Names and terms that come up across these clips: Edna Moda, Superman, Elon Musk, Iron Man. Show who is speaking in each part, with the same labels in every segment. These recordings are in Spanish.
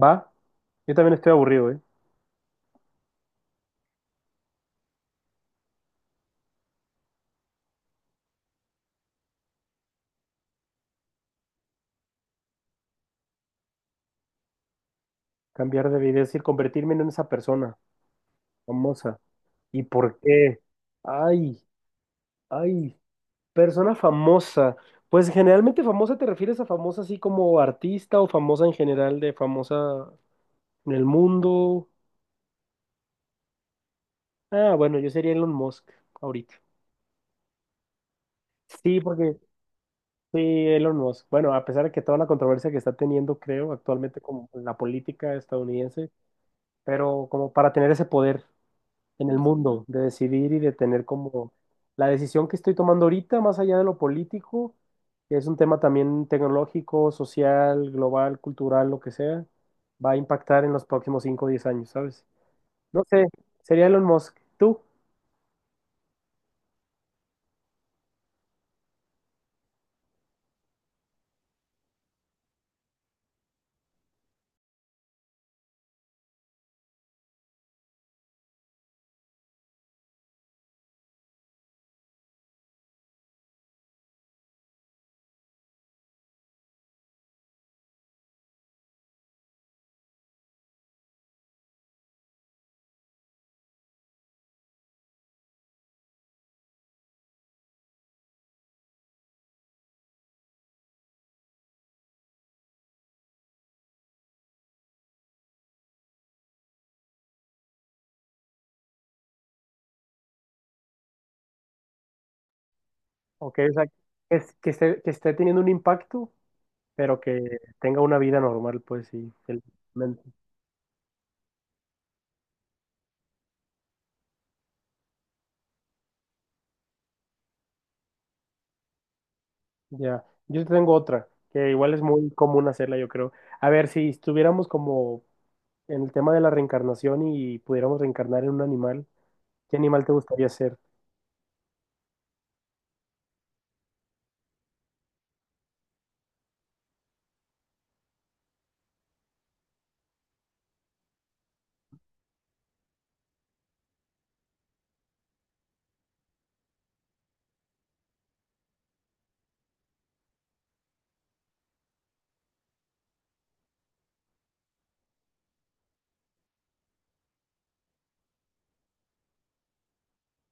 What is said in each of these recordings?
Speaker 1: Va, yo también estoy aburrido, ¿eh? Cambiar de vida, es decir, convertirme en esa persona famosa. ¿Y por qué? Ay, ay, persona famosa. Pues generalmente famosa te refieres a famosa así como artista o famosa en general de famosa en el mundo. Ah, bueno, yo sería Elon Musk ahorita. Sí, porque sí, Elon Musk. Bueno, a pesar de que toda la controversia que está teniendo, creo, actualmente como en la política estadounidense, pero como para tener ese poder. En el mundo, de decidir y de tener como la decisión que estoy tomando ahorita, más allá de lo político, que es un tema también tecnológico, social, global, cultural, lo que sea, va a impactar en los próximos 5 o 10 años, ¿sabes? No sé, sería Elon Musk, tú, ok, o sea, que, que esté teniendo un impacto, pero que tenga una vida normal, pues sí, felizmente. Ya, yo tengo otra, que igual es muy común hacerla, yo creo. A ver, si estuviéramos como en el tema de la reencarnación y pudiéramos reencarnar en un animal, ¿qué animal te gustaría ser?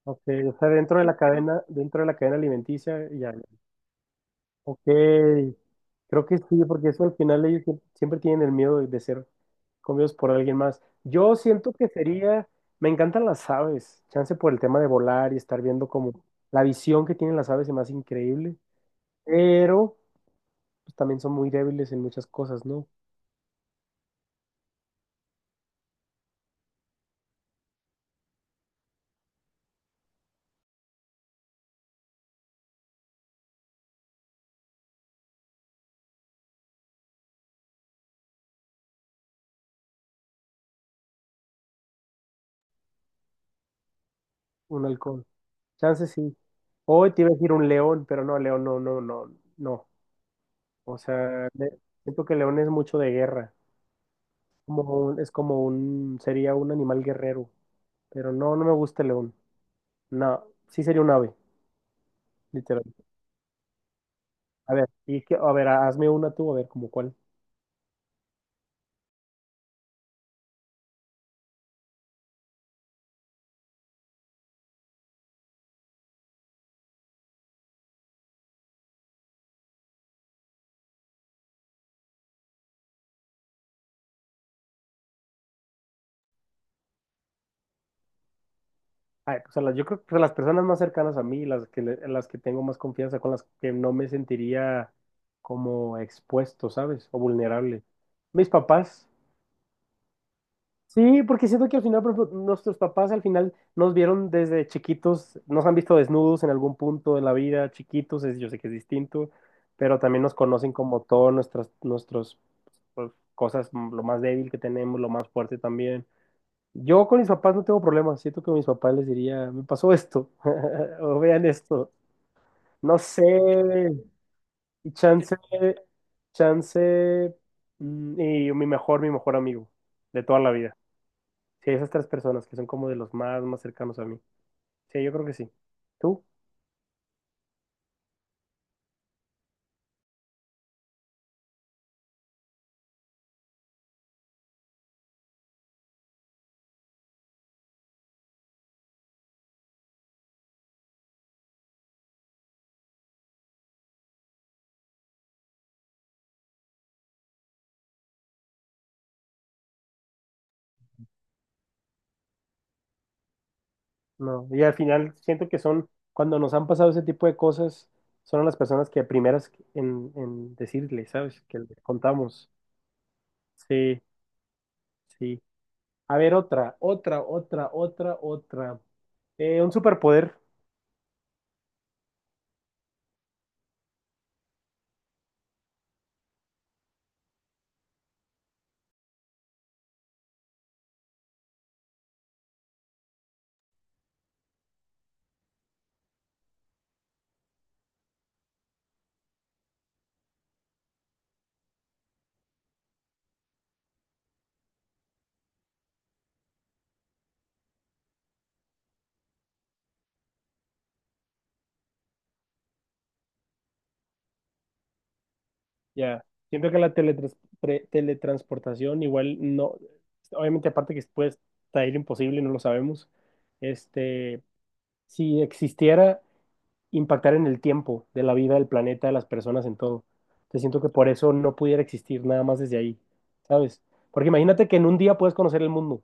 Speaker 1: Ok, o sea, dentro de la cadena alimenticia, ya. Ya. Ok, creo que sí, porque eso al final ellos siempre tienen el miedo de ser comidos por alguien más. Yo siento que sería, me encantan las aves, chance por el tema de volar y estar viendo como la visión que tienen las aves es más increíble, pero pues, también son muy débiles en muchas cosas, ¿no? Un halcón. Chance sí. Hoy te iba a decir un león, pero no, león, no, no, no, no. O sea, siento que león es mucho de guerra. Como un- es como un, sería un animal guerrero. Pero no, no me gusta el león. No, sí sería un ave, literal. A ver, y que, a ver, hazme una tú, a ver, como cuál. Ay, o sea, yo creo que las personas más cercanas a mí, las que tengo más confianza, con las que no me sentiría como expuesto, ¿sabes? O vulnerable. Mis papás. Sí, porque siento que al final, por ejemplo, nuestros papás al final nos vieron desde chiquitos, nos han visto desnudos en algún punto de la vida, chiquitos, yo sé que es distinto, pero también nos conocen como todas nuestras, nuestros, pues, cosas, lo más débil que tenemos, lo más fuerte también. Yo con mis papás no tengo problemas, siento que mis papás les diría, me pasó esto, o vean esto, no sé, y chance, y mi mejor amigo de toda la vida. Sí, esas tres personas que son como de los más, más cercanos a mí. Sí, yo creo que sí. ¿Tú? No. Y al final siento que son, cuando nos han pasado ese tipo de cosas, son las personas que primeras en decirle, ¿sabes? Que les contamos. Sí, sí. A ver, otra, otra, otra, otra, otra. Un superpoder. Ya. Siento que la teletransportación igual no, obviamente aparte que puede estar imposible, no lo sabemos. Este, si existiera impactar en el tiempo de la vida, del planeta, de las personas, en todo. Te siento que por eso no pudiera existir nada más desde ahí, ¿sabes? Porque imagínate que en un día puedes conocer el mundo.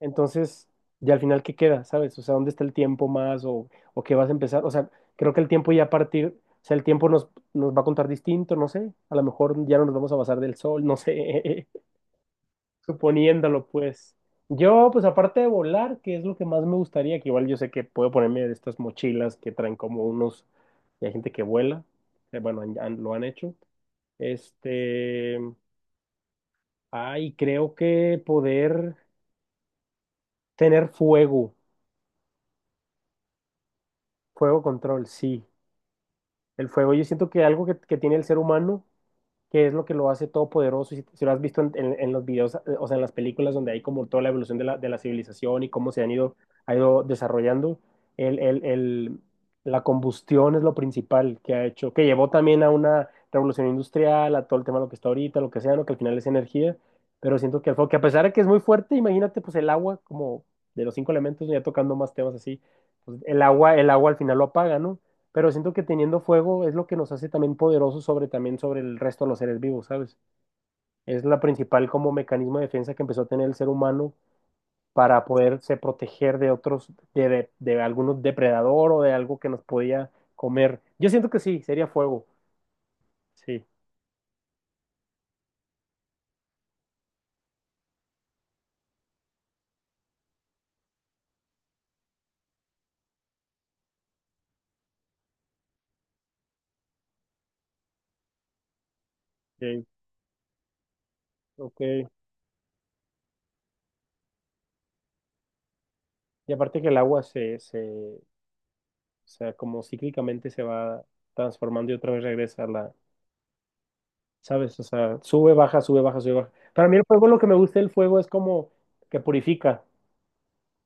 Speaker 1: Entonces, y al final, ¿qué queda? ¿Sabes? O sea, ¿dónde está el tiempo más? ¿O qué vas a empezar? O sea, creo que el tiempo ya a partir, o sea, el tiempo nos va a contar distinto, no sé. A lo mejor ya no nos vamos a basar del sol, no sé suponiéndolo, pues. Yo, pues aparte de volar, que es lo que más me gustaría, que igual yo sé que puedo ponerme de estas mochilas que traen como unos, y hay gente que vuela, bueno, lo han hecho. Este, Ay, creo que poder tener fuego, fuego control, sí. El fuego, yo siento que algo que tiene el ser humano que es lo que lo hace todopoderoso. Si lo has visto en, en los videos, o sea, en las películas donde hay como toda la evolución de la civilización y cómo se han ido, ha ido desarrollando, el, el- el- la combustión es lo principal que ha hecho, que llevó también a una revolución industrial, a todo el tema de lo que está ahorita, lo que sea, no que al final es energía, pero siento que el fuego, que a pesar de que es muy fuerte, imagínate pues el agua como de los cinco elementos, ya tocando más temas así, pues, el agua al final lo apaga, ¿no? Pero siento que teniendo fuego es lo que nos hace también poderosos sobre también sobre el resto de los seres vivos, ¿sabes? Es la principal como mecanismo de defensa que empezó a tener el ser humano para poderse proteger de otros, de algún depredador o de algo que nos podía comer. Yo siento que sí, sería fuego. Sí, sí, ok. Y aparte que el agua se, o sea, como cíclicamente se va transformando y otra vez regresa a la, ¿sabes? O sea, sube, baja, sube, baja, sube, baja. Para mí el fuego, lo que me gusta del fuego es como que purifica,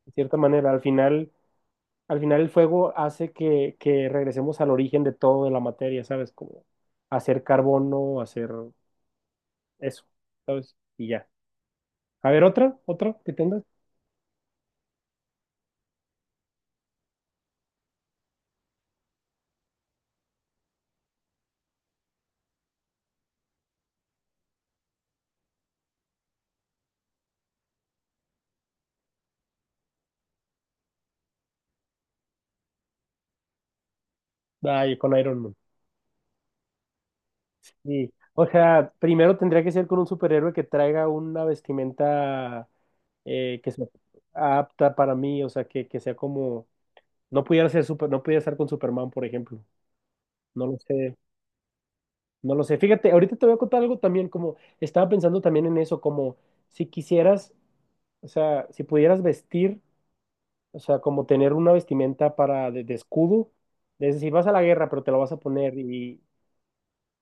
Speaker 1: de cierta manera. Al final el fuego hace que regresemos al origen de todo de la materia, ¿sabes? Como hacer carbono, hacer eso y ya. A ver, otra, otra que tengas. Ay, con Iron Man. Sí, o sea, primero tendría que ser con un superhéroe que traiga una vestimenta que sea apta para mí, o sea, que sea como, no pudiera ser no pudiera estar con Superman, por ejemplo. No lo sé. No lo sé. Fíjate, ahorita te voy a contar algo también, como estaba pensando también en eso, como si quisieras, o sea, si pudieras vestir, o sea, como tener una vestimenta para de escudo, es decir, vas a la guerra, pero te lo vas a poner y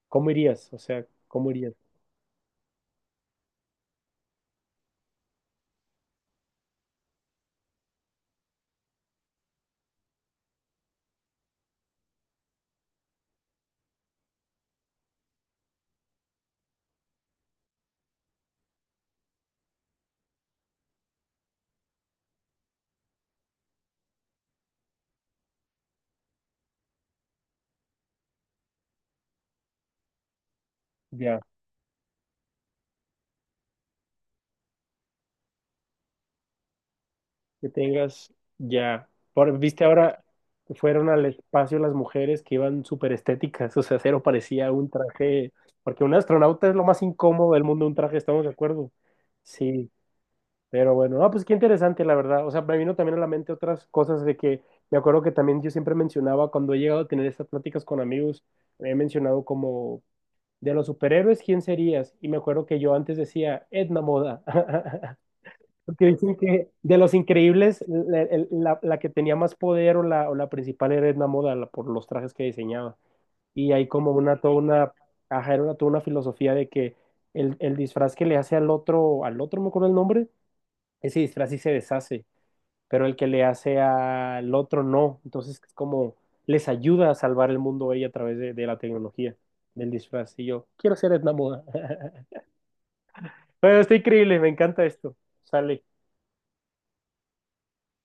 Speaker 1: ¿cómo irías? O sea, ¿cómo irías? Ya, que tengas, ya. Viste ahora que fueron al espacio las mujeres que iban súper estéticas, o sea, cero parecía un traje, porque un astronauta es lo más incómodo del mundo, un traje, estamos de acuerdo. Sí. Pero bueno, no pues qué interesante, la verdad. O sea, me vino también a la mente otras cosas de que me acuerdo que también yo siempre mencionaba cuando he llegado a tener estas pláticas con amigos, he mencionado como de los superhéroes, ¿quién serías? Y me acuerdo que yo antes decía Edna Moda. Porque dicen que de los increíbles, la que tenía más poder o la principal era Edna Moda por los trajes que diseñaba. Y hay como una, toda una, ajá, era una, toda una filosofía de que el disfraz que le hace al otro, no me acuerdo el nombre, ese disfraz sí se deshace, pero el que le hace al otro no. Entonces es como les ayuda a salvar el mundo a ella a través de la tecnología, del disfraz. Y yo quiero ser Edna Moda. Bueno, está increíble, me encanta esto. Sale.